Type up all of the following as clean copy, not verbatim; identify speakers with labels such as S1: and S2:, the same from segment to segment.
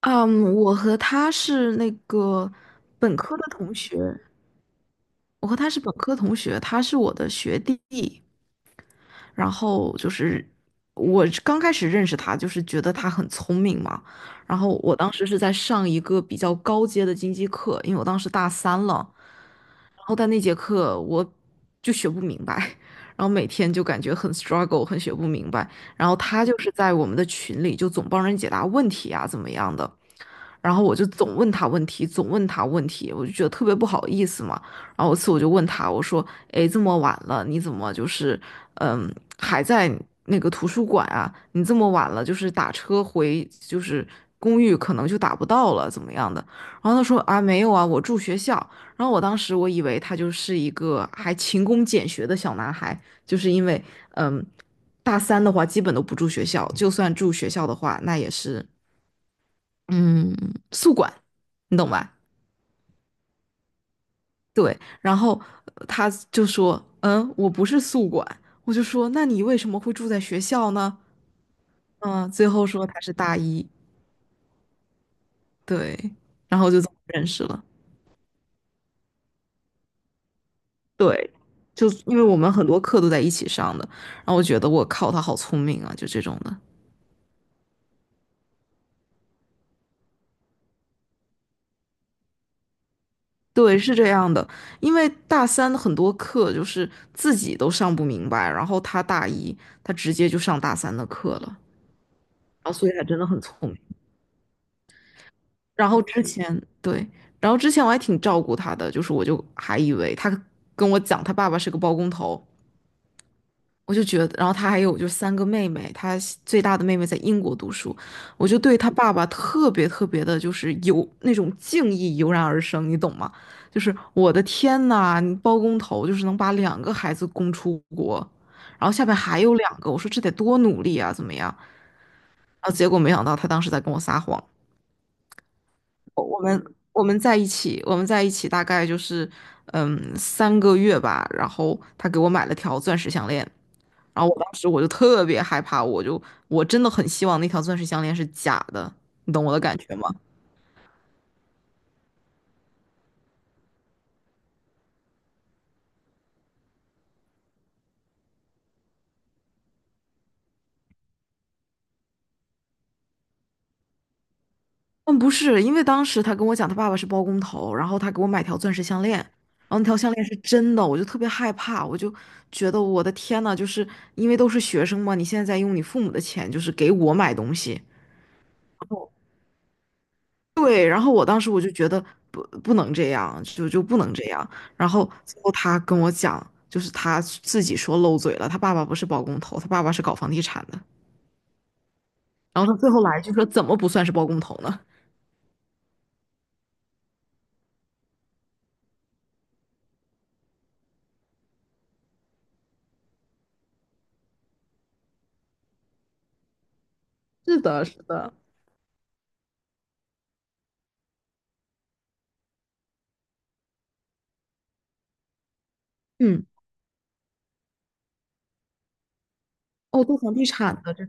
S1: 嗯，我和他是那个本科的同学，我和他是本科同学，他是我的学弟。然后就是我刚开始认识他，就是觉得他很聪明嘛。然后我当时是在上一个比较高阶的经济课，因为我当时大三了。然后在那节课我就学不明白，然后每天就感觉很 struggle，很学不明白。然后他就是在我们的群里就总帮人解答问题啊，怎么样的。然后我就总问他问题，总问他问题，我就觉得特别不好意思嘛。然后有次我就问他，我说："哎，这么晚了，你怎么就是嗯还在那个图书馆啊？你这么晚了，就是打车回就是公寓可能就打不到了，怎么样的？"然后他说："啊，没有啊，我住学校。"然后我当时我以为他就是一个还勤工俭学的小男孩，就是因为嗯。大三的话，基本都不住学校，就算住学校的话，那也是嗯，宿管，你懂吧？对，然后他就说，我不是宿管，我就说，那你为什么会住在学校呢？嗯，最后说他是大一，对，然后就这么认识了，对，就因为我们很多课都在一起上的，然后我觉得我靠，他好聪明啊，就这种的，对，是这样的，因为大三的很多课就是自己都上不明白，然后他大一，他直接就上大三的课了，然后所以他真的很聪明。然后之前对，然后之前我还挺照顾他的，就是我就还以为他跟我讲他爸爸是个包工头，我就觉得，然后他还有就3个妹妹，他最大的妹妹在英国读书，我就对他爸爸特别特别的，就是有那种敬意油然而生，你懂吗？就是我的天呐，你包工头就是能把2个孩子供出国，然后下面还有两个，我说这得多努力啊，怎么样？然后结果没想到他当时在跟我撒谎。我们我们在一起大概就是3个月吧。然后他给我买了条钻石项链，然后我当时我就特别害怕，我就我真的很希望那条钻石项链是假的，你懂我的感觉吗？嗯，不是，因为当时他跟我讲他爸爸是包工头，然后他给我买条钻石项链，然后那条项链是真的，我就特别害怕，我就觉得我的天呐，就是因为都是学生嘛，你现在在用你父母的钱，就是给我买东西。对，然后我当时我就觉得不能这样，就不能这样。然后最后他跟我讲，就是他自己说漏嘴了，他爸爸不是包工头，他爸爸是搞房地产的。然后他最后来一句说，怎么不算是包工头呢？是的，是的，嗯，哦，做房地产的这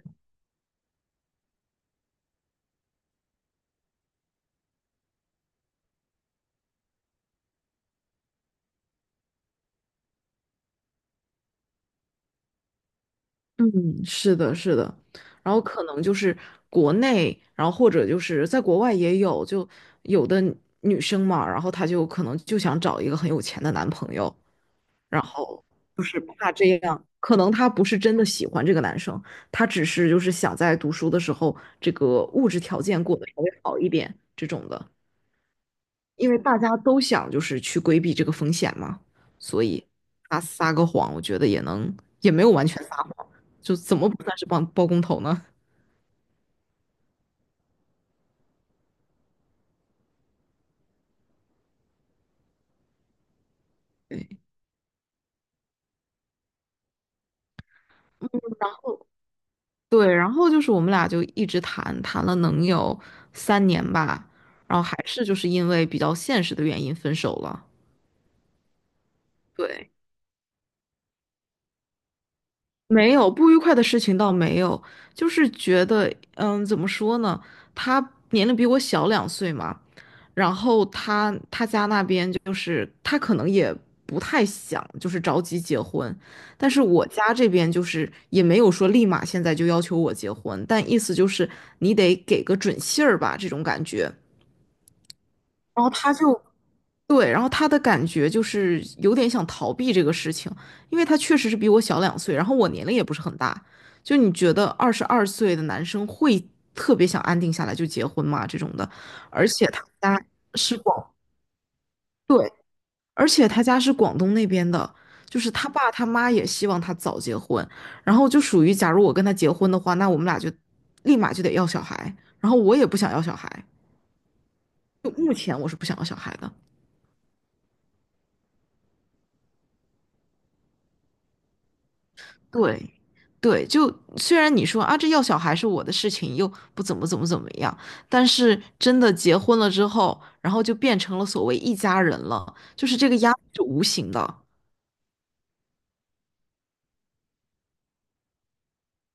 S1: 嗯，是的，是的，然后可能就是国内，然后或者就是在国外也有，就有的女生嘛，然后她就可能就想找一个很有钱的男朋友，然后就是怕这样，可能她不是真的喜欢这个男生，她只是就是想在读书的时候，这个物质条件过得稍微好一点这种的。因为大家都想就是去规避这个风险嘛，所以他撒个谎，我觉得也能，也没有完全撒谎，就怎么不算是包工头呢？对，然后对，然后就是我们俩就一直谈，谈了能有3年吧，然后还是就是因为比较现实的原因分手了。对，没有不愉快的事情倒没有，就是觉得，嗯，怎么说呢？他年龄比我小两岁嘛，然后他家那边就是他可能也不太想就是着急结婚，但是我家这边就是也没有说立马现在就要求我结婚，但意思就是你得给个准信儿吧，这种感觉。然后他就对，然后他的感觉就是有点想逃避这个事情，因为他确实是比我小两岁，然后我年龄也不是很大。就你觉得22岁的男生会特别想安定下来就结婚吗？这种的，而且他家是广，对，而且他家是广东那边的，就是他爸他妈也希望他早结婚，然后就属于假如我跟他结婚的话，那我们俩就立马就得要小孩，然后我也不想要小孩，就目前我是不想要小孩的。对，对，就虽然你说啊，这要小孩是我的事情，又不怎么怎么怎么样，但是真的结婚了之后，然后就变成了所谓一家人了，就是这个压力是无形的，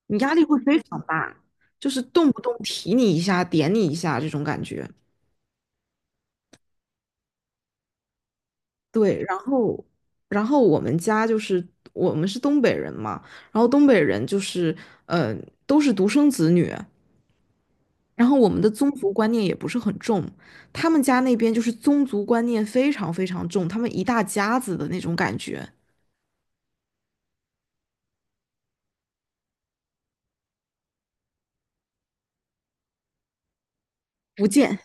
S1: 你压力会非常大，就是动不动提你一下，点你一下这种感觉。对，然后，我们家就是我们是东北人嘛，然后东北人就是，呃，都是独生子女，然后我们的宗族观念也不是很重，他们家那边就是宗族观念非常非常重，他们一大家子的那种感觉，福建。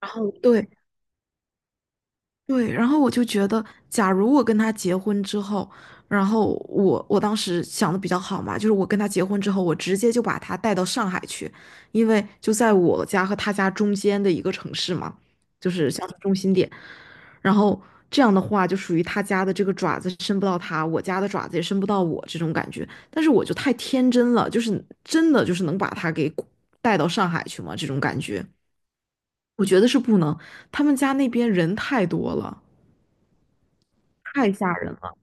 S1: 然后对，对，然后我就觉得，假如我跟他结婚之后，然后我当时想的比较好嘛，就是我跟他结婚之后，我直接就把他带到上海去，因为就在我家和他家中间的一个城市嘛，就是乡村中心点。然后这样的话，就属于他家的这个爪子伸不到他，我家的爪子也伸不到我这种感觉。但是我就太天真了，就是真的就是能把他给带到上海去吗？这种感觉，我觉得是不能。他们家那边人太多了。太吓人了。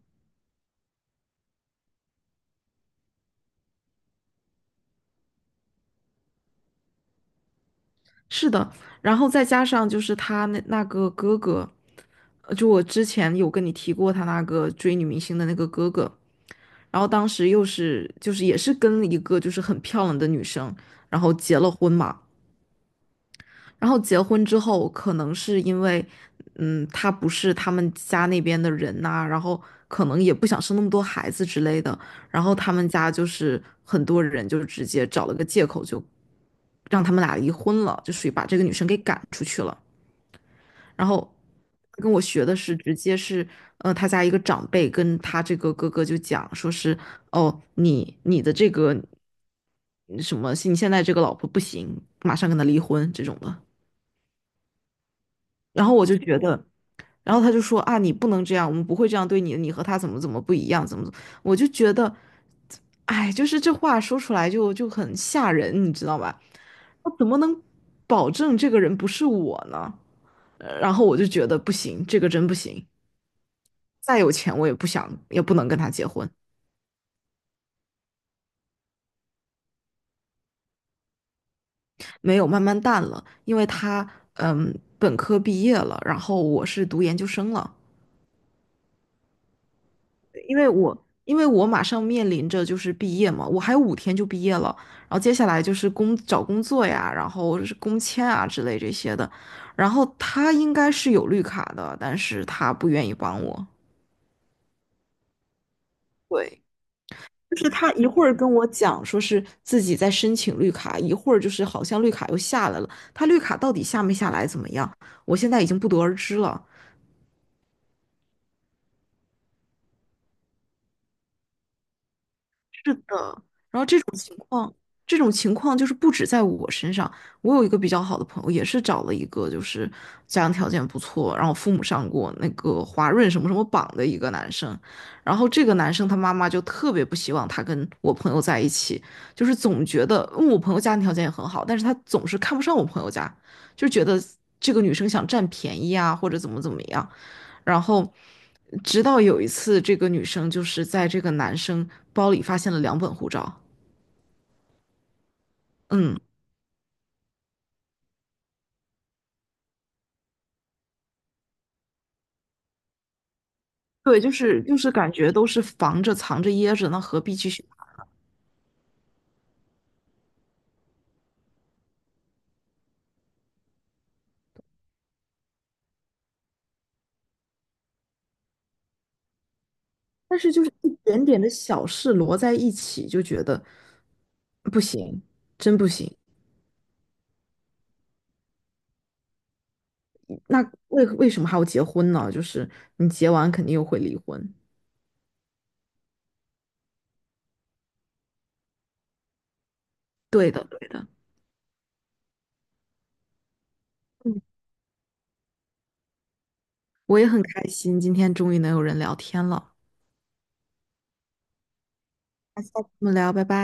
S1: 是的，然后再加上就是他那个哥哥，就我之前有跟你提过他那个追女明星的那个哥哥，然后当时又是就是也是跟一个就是很漂亮的女生，然后结了婚嘛。然后结婚之后，可能是因为，嗯，他不是他们家那边的人呐、然后可能也不想生那么多孩子之类的，然后他们家就是很多人就直接找了个借口就让他们俩离婚了，就属于把这个女生给赶出去了。然后跟我学的是直接是，他家一个长辈跟他这个哥哥就讲说是，哦，你的这个什么，你现在这个老婆不行，马上跟他离婚这种的。然后我就觉得，然后他就说啊，你不能这样，我们不会这样对你的，你和他怎么怎么不一样，怎么怎么，我就觉得，哎，就是这话说出来就很吓人，你知道吧？我怎么能保证这个人不是我呢？然后我就觉得不行，这个真不行。再有钱我也不想，也不能跟他结婚。没有，慢慢淡了，因为他本科毕业了，然后我是读研究生了。因为我因为我马上面临着就是毕业嘛，我还有5天就毕业了，然后接下来就是工找工作呀，然后是工签啊之类这些的，然后他应该是有绿卡的，但是他不愿意帮我。对，就是他一会儿跟我讲说是自己在申请绿卡，一会儿就是好像绿卡又下来了，他绿卡到底下没下来怎么样，我现在已经不得而知了。是的，然后这种情况，这种情况就是不止在我身上。我有一个比较好的朋友，也是找了一个就是家庭条件不错，然后父母上过那个华润什么什么榜的一个男生。然后这个男生他妈妈就特别不希望他跟我朋友在一起，就是总觉得，嗯，我朋友家庭条件也很好，但是他总是看不上我朋友家，就觉得这个女生想占便宜啊，或者怎么怎么样。然后直到有一次，这个女生就是在这个男生包里发现了2本护照。嗯，对，就是感觉都是防着、藏着、掖着，那何必去寻他？但是就是一点点的小事摞在一起，就觉得不行，真不行。那为什么还要结婚呢？就是你结完肯定又会离婚。对的，对的。嗯，我也很开心，今天终于能有人聊天了。下次我们聊，拜拜。